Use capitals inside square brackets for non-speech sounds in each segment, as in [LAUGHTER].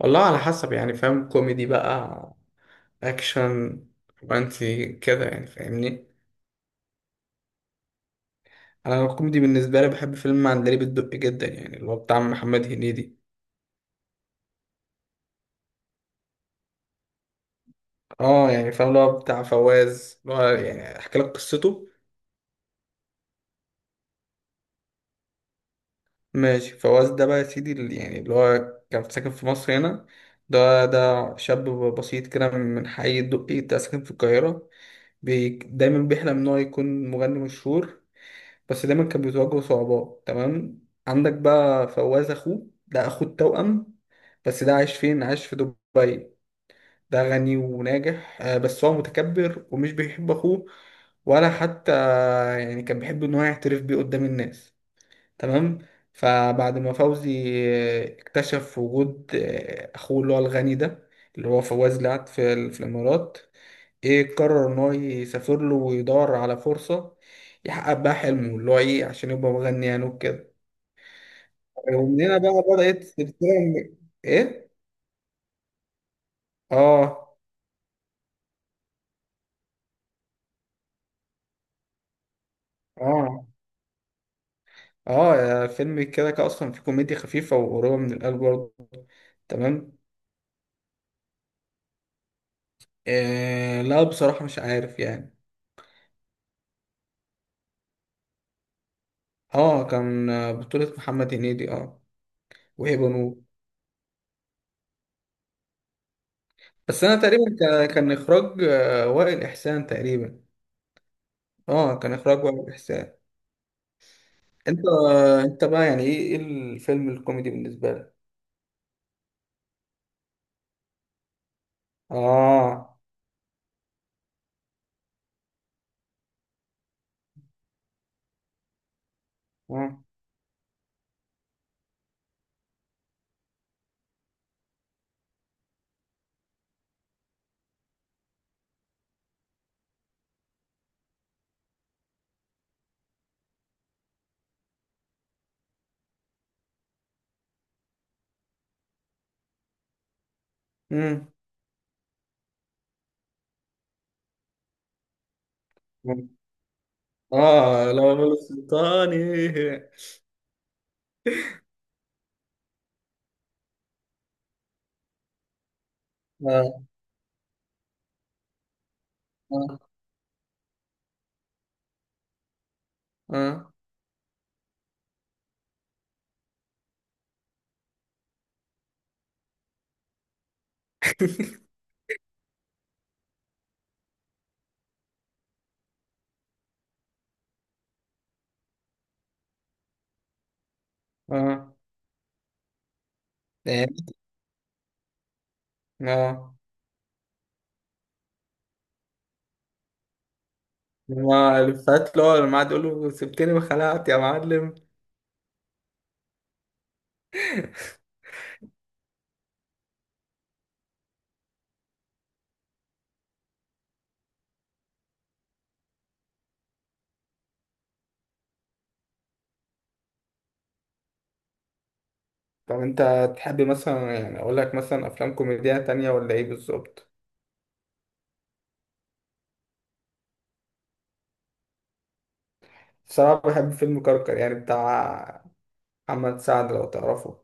والله على حسب يعني فاهم كوميدي بقى، اكشن، رومانسي كده يعني فاهمني. انا الكوميدي بالنسبه لي بحب فيلم عندليب الدق جدا يعني اللي هو بتاع محمد هنيدي. اه يعني فاهم اللي هو بتاع فواز، اللي هو يعني احكي لك قصته. ماشي، فواز ده بقى يا سيدي اللي يعني اللي هو كان ساكن في مصر هنا. ده شاب بسيط كده من حي الدقي، ده ساكن في القاهره. بي دايما بيحلم ان هو يكون مغني مشهور، بس دايما كان بيتواجهوا صعوبات. تمام، عندك بقى فواز اخوه ده، اخو التوأم. بس ده عايش فين؟ عايش في دبي. ده غني وناجح، بس هو متكبر ومش بيحب اخوه، ولا حتى يعني كان بيحب ان هو يعترف بيه قدام الناس. تمام. فبعد ما فوزي اكتشف وجود اخوه اللي هو الغني ده، اللي هو فواز لعب في الامارات، ايه قرر ان هو يسافر له ويدور على فرصة، يحقق بقى حلمه اللي هو ايه عشان يبقى مغني يعني وكده. ومن هنا بقى بدأت سلسلة من- ايه. اه، اه، اه، يا فيلم كده كده اصلا في كوميديا خفيفة وقريبة من القلب برضه. تمام. إيه، لا بصراحة مش عارف يعني. اه، كان بطولة محمد هنيدي. اه. وهبة نور. بس انا تقريبا كان اخراج وائل احسان تقريبا. اه، كان اخراج وائل احسان. انت انت بقى يعني ايه الفيلم الكوميدي بالنسبه لك؟ اه. اه. امم. اه، لو انا السلطاني. اه. اه. اه. [LAUGHS] اه يعني. اه. ما الفات اللي هو لما قعد يقول له سبتني وخلعت يا معلم. طب انت تحب مثلا يعني اقول لك مثلا افلام كوميدية تانية ولا ايه بالظبط؟ بصراحة بحب فيلم كركر يعني بتاع محمد سعد، لو تعرفه.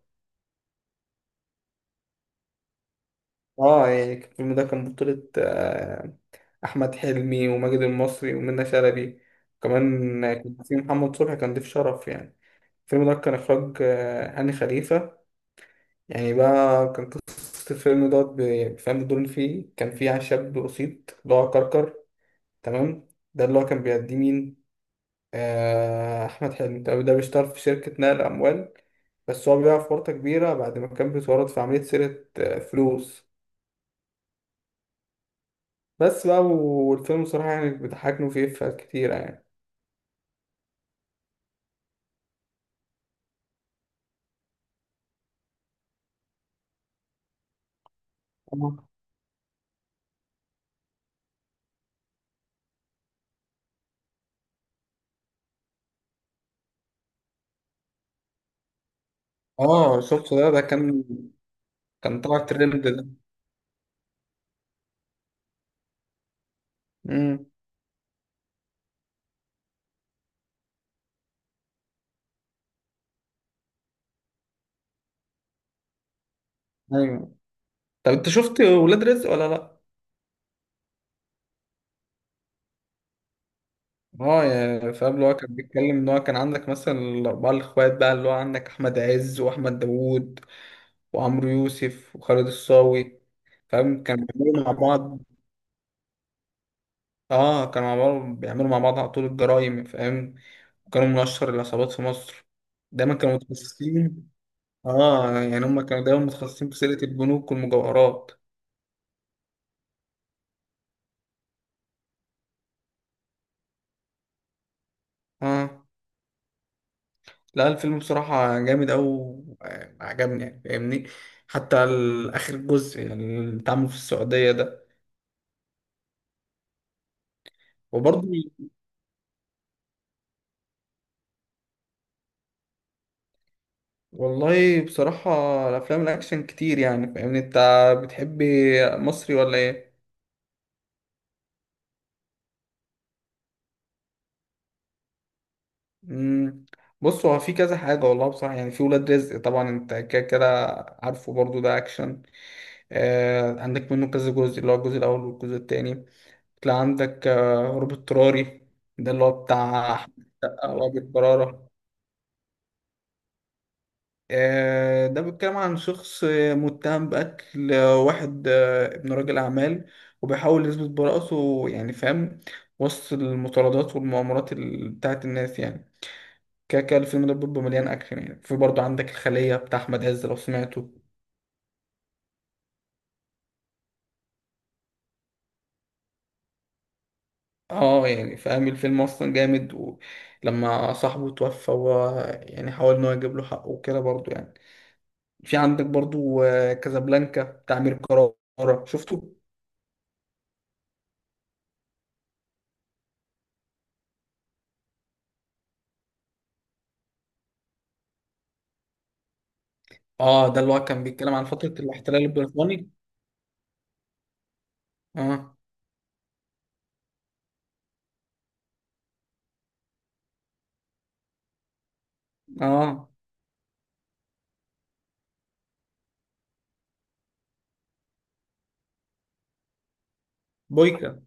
اه يعني الفيلم ده كان بطولة احمد حلمي وماجد المصري ومنى شلبي، وكمان كان في محمد صبحي كان ضيف شرف يعني. الفيلم ده كان اخراج هاني خليفه. يعني بقى كان قصه الفيلم دوت فاهم الدور اللي فيه، كان فيه شاب بسيط اللي هو كركر. تمام. ده اللي هو كان بيأدي مين؟ احمد حلمي، ده بيشتغل في شركه نقل اموال، بس هو بيقع في ورطه كبيره بعد ما كان بيتورط في عمليه سرقه فلوس. بس بقى، والفيلم صراحه يعني بيضحكني وفيه إفيهات كتيره يعني. اه، شفته ده كان. كان طلع ترند ده. امم. ايوه، طب انت شفت ولاد رزق ولا لا؟ اه يا فاهم، اللي هو كان بيتكلم ان هو كان عندك مثلا الاربعه الاخوات بقى، اللي هو عندك احمد عز واحمد داوود وعمرو يوسف وخالد الصاوي. فاهم كانوا بيعملوا مع بعض. اه كانوا مع بعض، بيعملوا مع بعض على طول الجرايم، فاهم؟ كانوا من اشهر العصابات في مصر. دايما كانوا متخصصين. اه يعني هم كانوا دايما متخصصين في سرقه البنوك والمجوهرات. اه. لا الفيلم بصراحة جامد أوي، عجبني يعني فاهمني. حتى آخر جزء يعني، اللي اتعمل في السعودية ده. وبرضه، والله بصراحة الأفلام الأكشن كتير يعني فاهمني. أنت بتحب مصري ولا إيه؟ مم. بص، هو في كذا حاجة والله بصراحة. يعني في ولاد رزق طبعا أنت كده كده عارفه، برضه ده أكشن. عندك منه كذا جزء، اللي هو الجزء الأول والجزء التاني. تلاقي عندك هروب اضطراري، ده اللي هو بتاع أحمد السقا وأبي برارة. ده بيتكلم عن شخص متهم بقتل واحد، ابن راجل أعمال، وبيحاول يثبت براءته يعني فاهم، وسط المطاردات والمؤامرات بتاعت الناس يعني. كده كده الفيلم ده بيبقى مليان أكشن يعني. في برضه عندك الخلية بتاع أحمد عز، لو سمعته. اه يعني فاهم، الفيلم أصلا جامد. ولما صاحبه توفى هو يعني حاول إن هو يجيب له حقه وكده برضه يعني. في عندك برضه كازابلانكا بتاع أمير كرارة، شفته؟ اه، ده اللي هو كان بيتكلم عن فترة الاحتلال البريطاني. اه. اه، بويكا.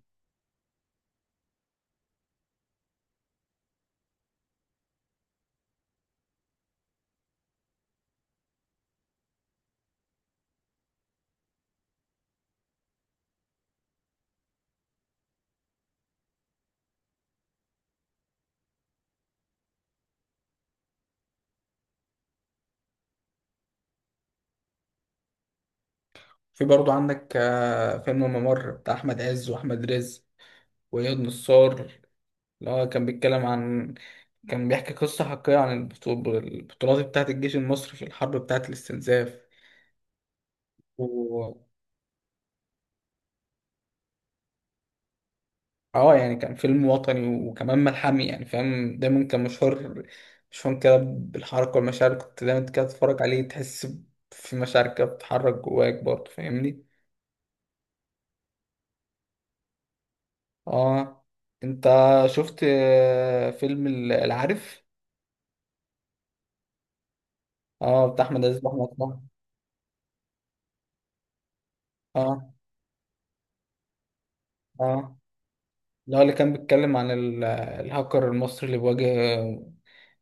في برضو عندك فيلم الممر بتاع أحمد عز وأحمد رزق وإياد نصار. اللي هو كان بيتكلم عن، كان بيحكي قصة حقيقية عن البطولات بتاعة الجيش المصري في الحرب بتاعة الاستنزاف. و. اه يعني كان فيلم وطني وكمان ملحمي يعني فاهم. دايما كان مشهور، مشهور كده بالحركة والمشاعر. كنت دايما كده تتفرج عليه تحس في مشاعر كده بتتحرك جواك برضه فاهمني. اه، انت شفت فيلم العارف؟ اه بتاع احمد عز واحمد فهمي. اه. اه، اللي هو اللي كان بيتكلم عن الهاكر المصري اللي بيواجه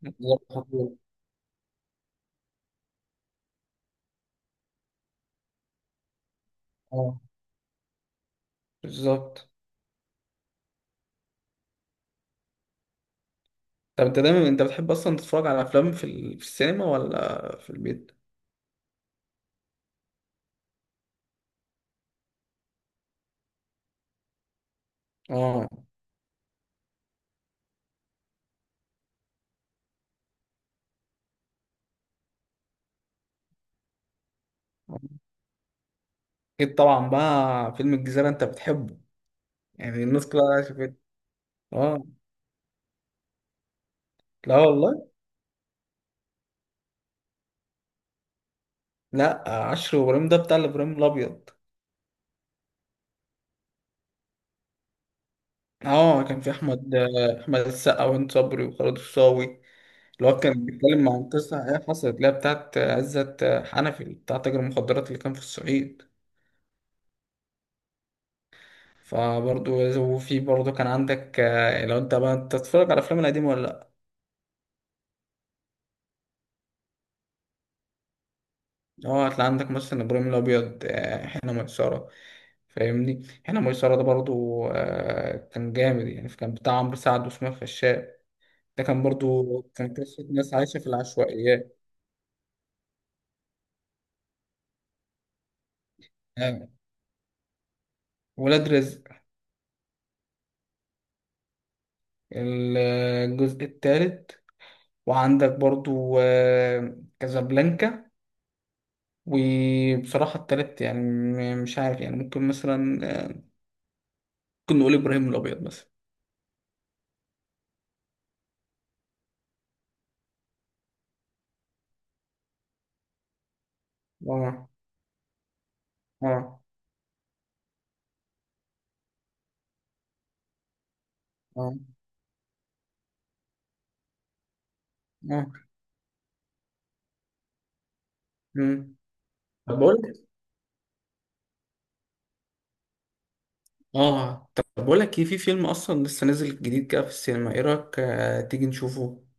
نظام خطير. اه، بالظبط. طب انت دايما انت بتحب اصلا تتفرج على افلام في في السينما ولا في البيت؟ اه، اكيد طبعا بقى فيلم الجزيرة انت بتحبه يعني الناس كلها شافته. اه. لا والله. لا، عشر وابراهيم ده بتاع الابراهيم الابيض. اه، كان في احمد السقا وهند صبري وخالد الصاوي. اللي هو كان بيتكلم عن قصه هي حصلت، اللي هي بتاعت عزت حنفي بتاع تاجر المخدرات اللي كان في الصعيد. فبرضه وفي برضه كان عندك، لو انت بقى تتفرج على الافلام القديمه ولا لا؟ اه، هتلاقي عندك مثلا ابراهيم الابيض، حين ميسره. فاهمني، حين ميسره ده برضه كان جامد يعني، كان بتاع عمرو سعد واسماعيل فشاء. ده كان برضه كان قصه ناس عايشه في العشوائيات. آه، ولاد رزق الجزء الثالث. وعندك برضو كازابلانكا. وبصراحة التالت يعني مش عارف يعني، ممكن مثلا، آه، ممكن نقول إبراهيم الأبيض مثلا. اه. اه. اه. اه. مم. طب بقول اه طب بقول لك ايه؟ في فيلم اصلا لسه نازل جديد كده في السينما، ايه رايك تيجي نشوفه؟